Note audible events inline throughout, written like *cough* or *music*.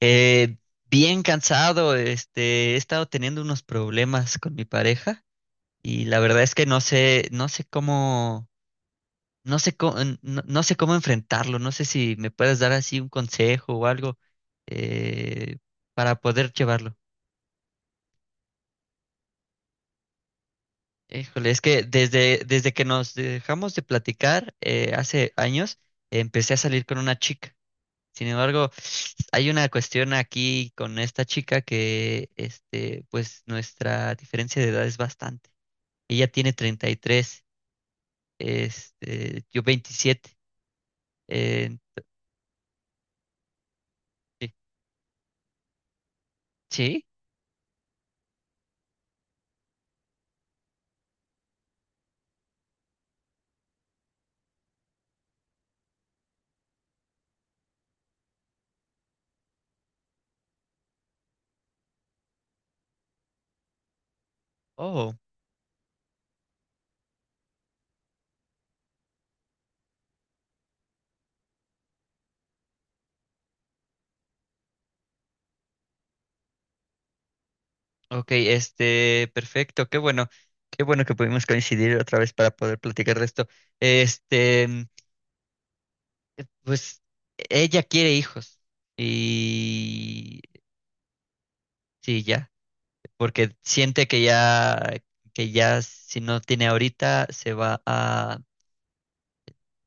Eh, bien cansado, he estado teniendo unos problemas con mi pareja y la verdad es que no sé, no sé cómo, no sé cómo, no, no sé cómo enfrentarlo, no sé si me puedes dar así un consejo o algo eh, para poder llevarlo. Híjole, es que desde que nos dejamos de platicar hace años, empecé a salir con una chica. Sin embargo, hay una cuestión aquí con esta chica que, pues nuestra diferencia de edad es bastante. Ella tiene 33, yo 27. eh, sí. ¿Sí? Oh, ok, perfecto, qué bueno que pudimos coincidir otra vez para poder platicar de esto. Este, mm, pues ella quiere hijos y sí, ya. Porque siente que ya si no tiene ahorita, se va a,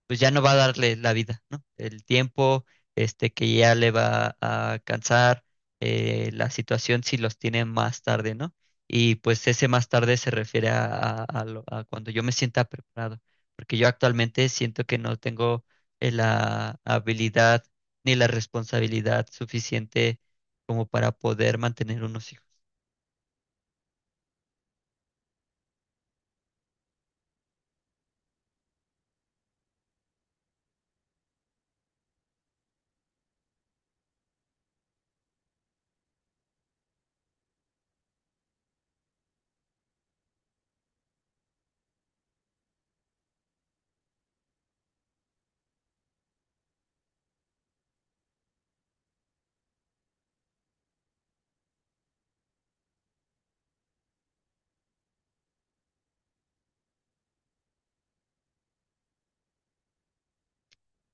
pues ya no va a darle la vida, ¿no? El tiempo, que ya le va a cansar, la situación si los tiene más tarde, ¿no? Y pues ese más tarde se refiere a, a cuando yo me sienta preparado, porque yo actualmente siento que no tengo la habilidad ni la responsabilidad suficiente como para poder mantener unos hijos.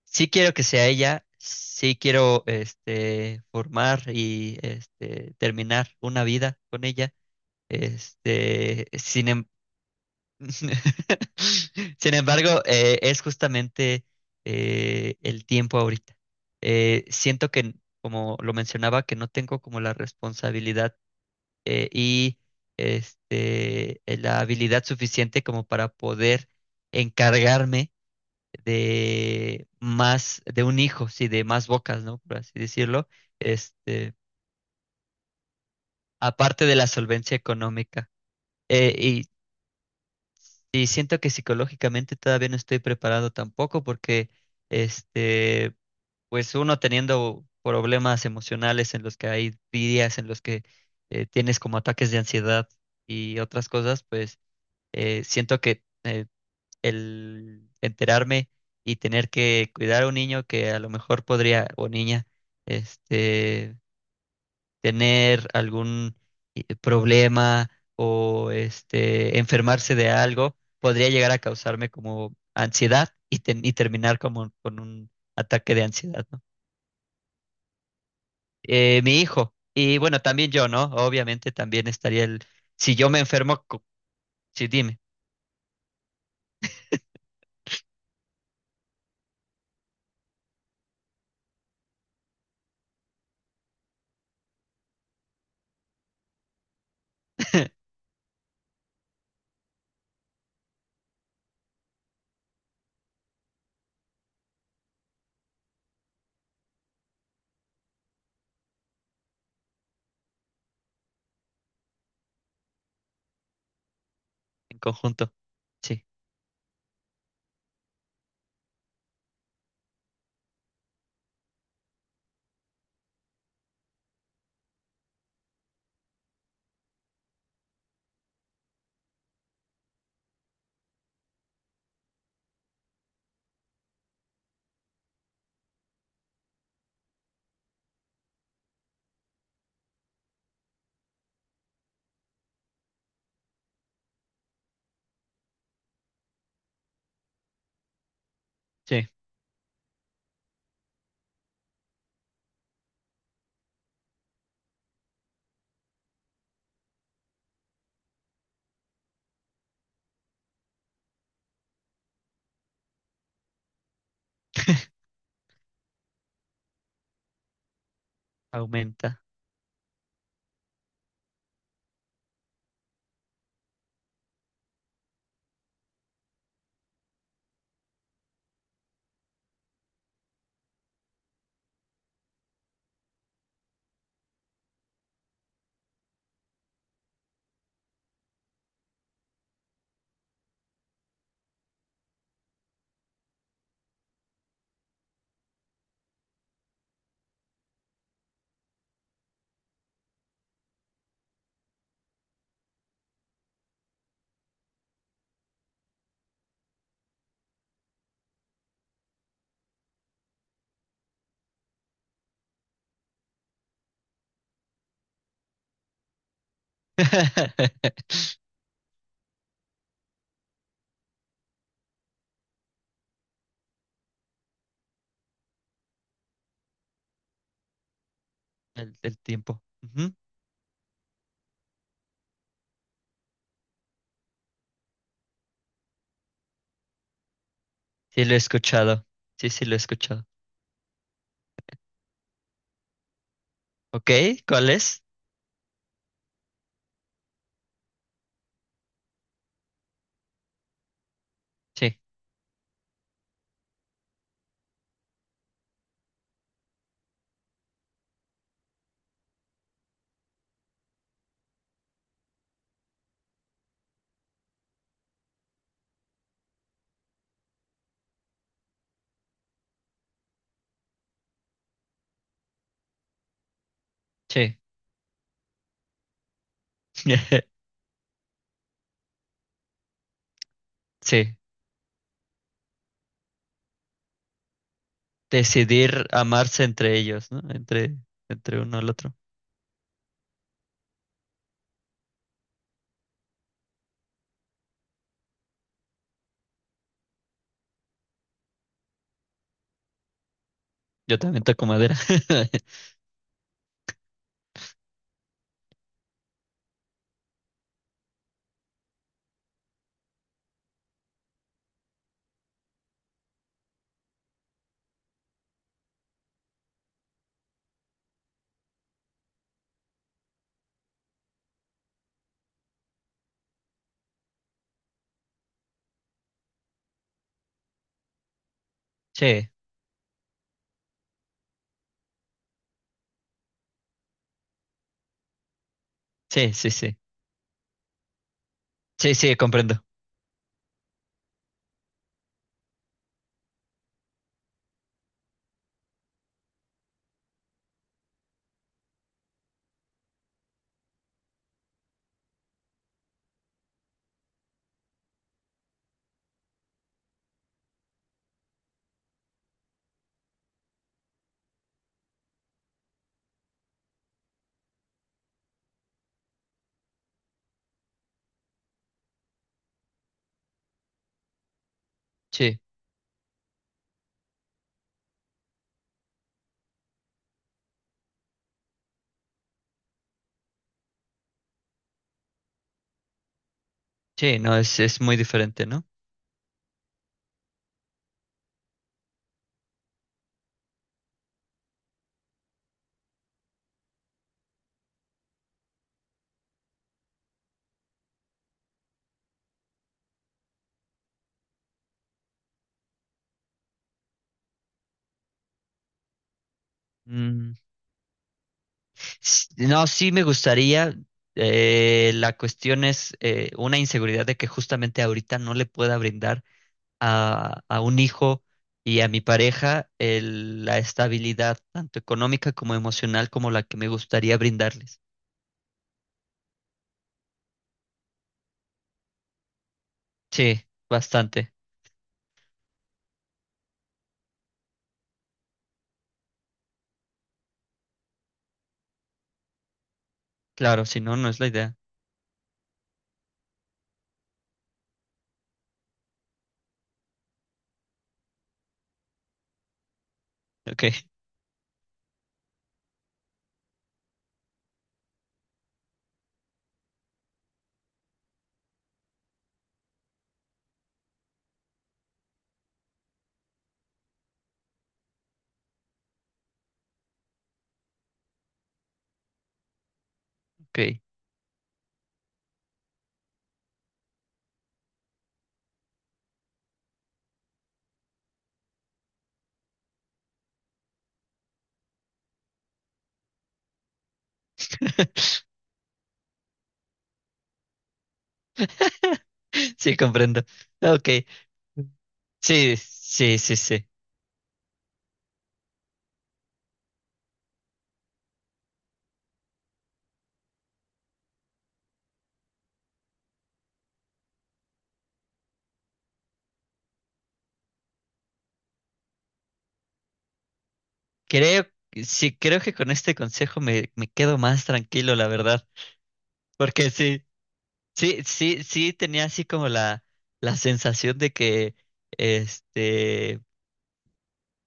Sí quiero que sea ella, sí quiero formar y terminar una vida con ella. Este, sin em- *laughs* Sin embargo, es justamente el tiempo ahorita. Siento que, como lo mencionaba, que no tengo como la responsabilidad y la habilidad suficiente como para poder encargarme de más, de un hijo, sí, de más bocas, ¿no? Por así decirlo, este, aparte de la solvencia económica. Eh, y, y siento que psicológicamente todavía no estoy preparado tampoco porque, este, pues uno teniendo problemas emocionales en los que hay días en los que tienes como ataques de ansiedad y otras cosas, pues siento que el enterarme y tener que cuidar a un niño que a lo mejor podría, o niña, este, tener algún problema o enfermarse de algo, podría llegar a causarme como ansiedad y terminar como con un ataque de ansiedad, ¿no? Mi hijo, y bueno, también yo, ¿no? Obviamente también estaría el, si yo me enfermo, sí, dime, *laughs* en conjunto, sí, sí, *laughs* aumenta. *laughs* El tiempo. Ujú. Sí, lo he escuchado. Sí, sí, lo he escuchado. Ok, ¿cuál es? Sí, sí. *laughs* Sí, decidir amarse entre ellos, ¿no? Entre, entre uno al otro. Yo también toco madera. *laughs* Sí, sí, sí, sí. Sí, sí, comprendo. Sí, sí, no, es muy diferente, ¿no? Mm, no, sí me gustaría. La cuestión es una inseguridad de que justamente ahorita no le pueda brindar a un hijo y a mi pareja la estabilidad, tanto económica como emocional, como la que me gustaría brindarles. Sí, bastante. Claro, si no, no es la idea. Ok, ok. *laughs* Sí, comprendo. Ok. Sí, sí, sí, sí. Creo, sí, creo que con este consejo me quedo más tranquilo, la verdad. Porque sí, sí, sí, sí tenía así como la sensación de que, este,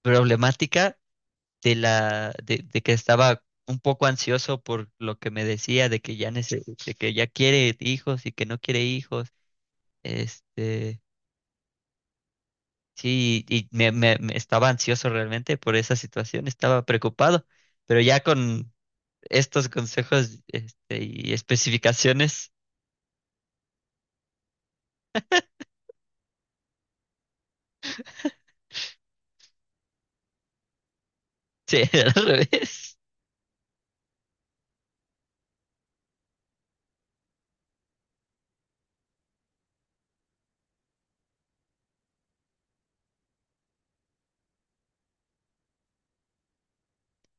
problemática, de que estaba un poco ansioso por lo que me decía, de que de que ya quiere hijos y que no quiere hijos. Este, sí, y me estaba ansioso realmente por esa situación, estaba preocupado, pero ya con estos consejos, y especificaciones, *laughs* sí, al revés.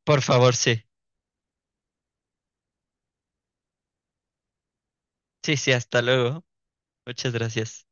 Por favor, sí. Sí, sí, hasta luego. Muchas gracias.